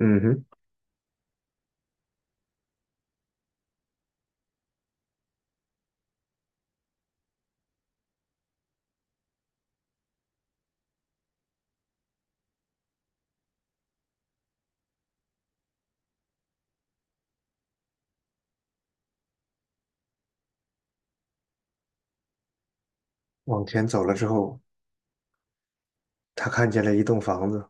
嗯哼，往前走了之后，他看见了一栋房子，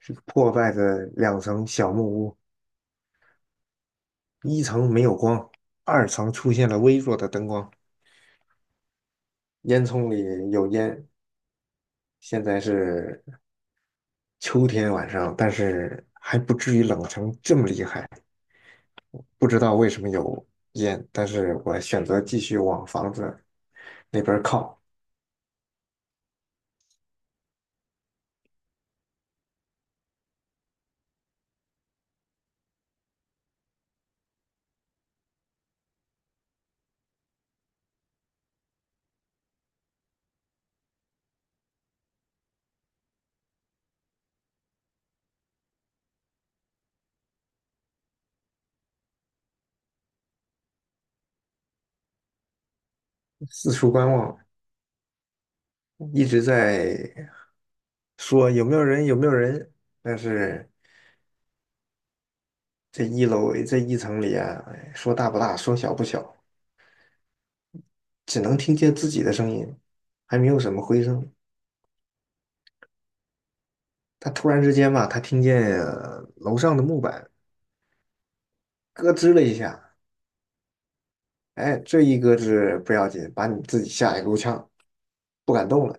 是个破败的两层小木屋，一层没有光，二层出现了微弱的灯光，烟囱里有烟。现在是秋天晚上，但是还不至于冷成这么厉害。不知道为什么有烟，但是我选择继续往房子那边靠，四处观望，一直在说有没有人，有没有人，但是这一楼这一层里啊，哎说大不大，说小不小，只能听见自己的声音，还没有什么回声。他突然之间吧，他听见楼上的木板咯吱了一下，哎，这一咯吱不要紧，把你自己吓一够呛，不敢动了。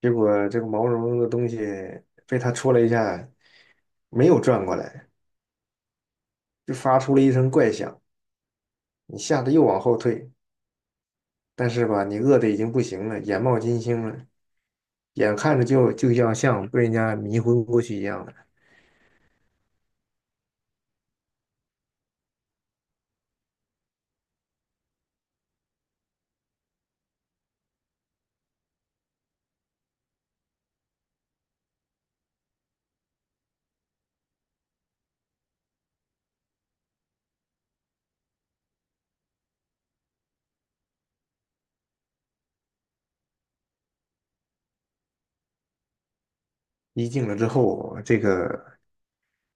结果这个毛茸茸的东西被他戳了一下，没有转过来，就发出了一声怪响。你吓得又往后退，但是吧，你饿得已经不行了，眼冒金星了，眼看着就要像被人家迷昏过去一样的。一进了之后，这个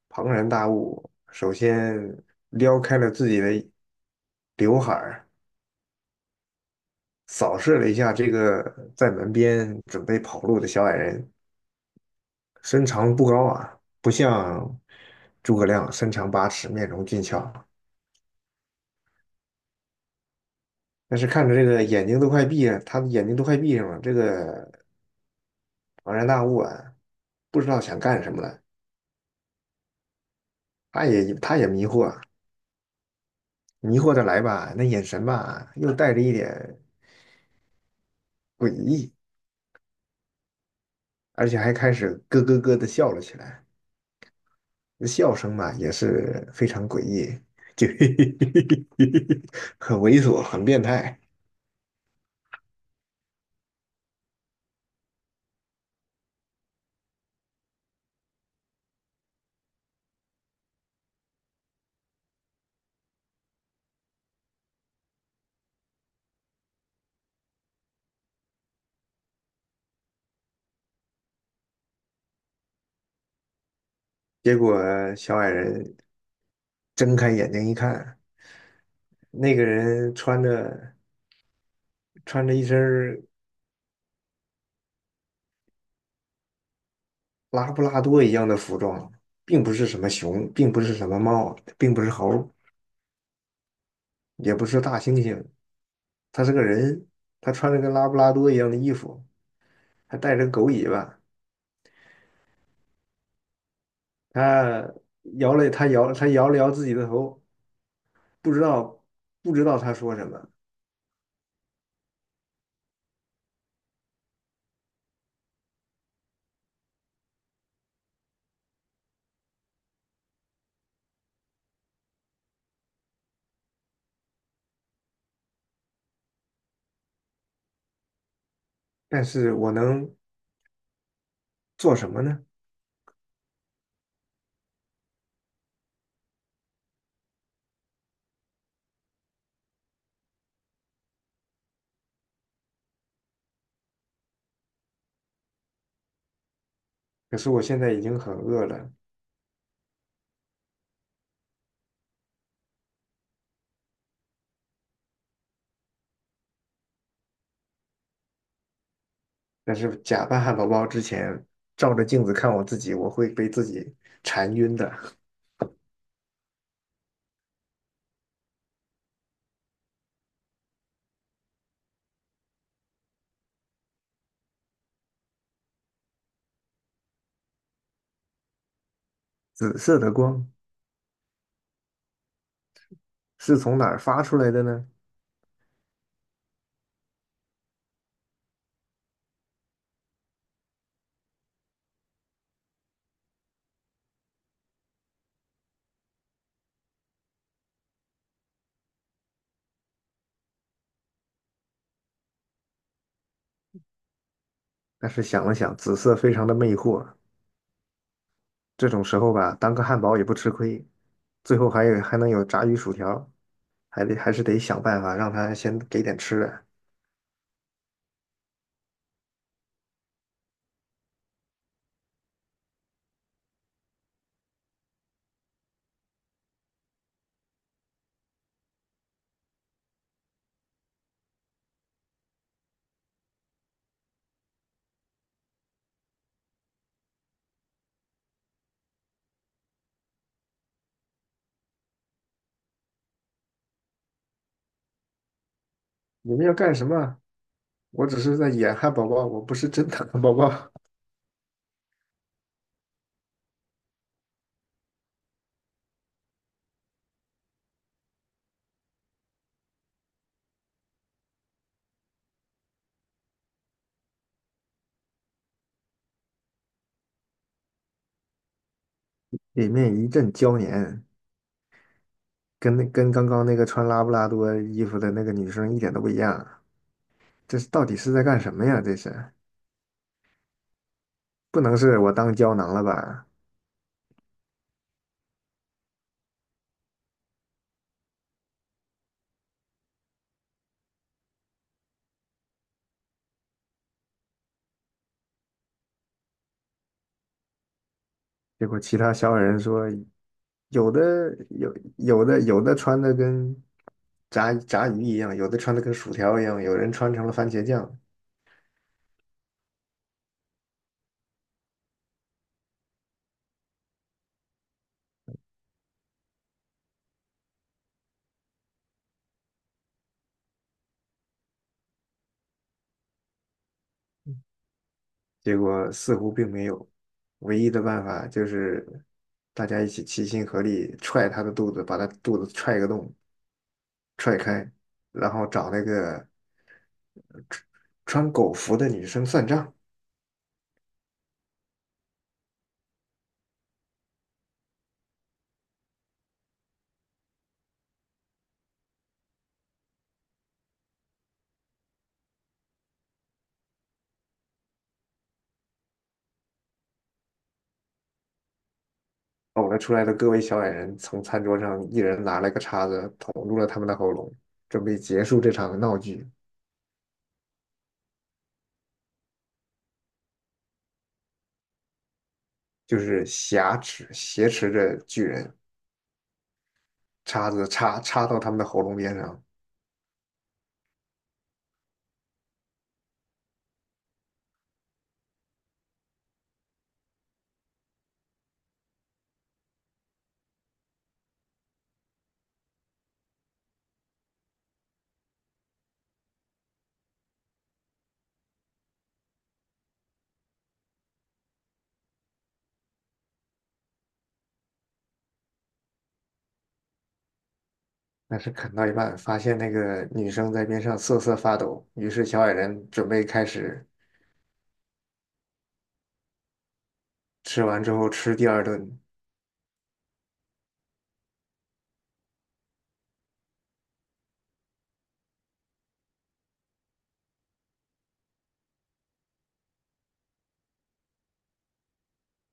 庞然大物首先撩开了自己的刘海儿，扫视了一下这个在门边准备跑路的小矮人，身长不高啊，不像诸葛亮身长八尺，面容俊俏。但是看着这个眼睛都快闭了他的眼睛都快闭上了。这个庞然大物啊，不知道想干什么了，他也迷惑，迷惑的来吧，那眼神吧，又带着一点诡异，而且还开始咯咯咯的笑了起来。那笑声嘛，也是非常诡异，就 很猥琐，很变态。结果小矮人睁开眼睛一看，那个人穿着一身儿拉布拉多一样的服装，并不是什么熊，并不是什么猫，并不是猴，也不是大猩猩，他是个人，他穿着跟拉布拉多一样的衣服。还带着个狗尾巴，他他摇了摇自己的头，不知道，不知道他说什么，但是我能做什么呢？可是我现在已经很饿了，但是假扮汉堡包之前，照着镜子看我自己，我会被自己馋晕的。紫色的光是从哪儿发出来的呢？但是想了想，紫色非常的魅惑，这种时候吧，当个汉堡也不吃亏，最后还能有炸鱼薯条，还是得想办法让他先给点吃的。你们要干什么？我只是在演汉堡包，我不是真的汉堡包。里面一阵娇黏，跟刚刚那个穿拉布拉多衣服的那个女生一点都不一样。这是到底是在干什么呀？这是不能是我当胶囊了吧？结果其他小矮人说，有的有有的穿的跟炸鱼一样，有的穿的跟薯条一样，有人穿成了番茄酱。结果似乎并没有，唯一的办法就是大家一起齐心合力踹他的肚子，把他肚子踹个洞，踹开，然后找那个穿穿狗服的女生算账。呕了出来的各位小矮人从餐桌上一人拿了个叉子捅入了他们的喉咙，准备结束这场闹剧。就是挟持着巨人，叉子插到他们的喉咙边上。但是啃到一半，发现那个女生在边上瑟瑟发抖，于是小矮人准备开始吃完之后吃第二顿，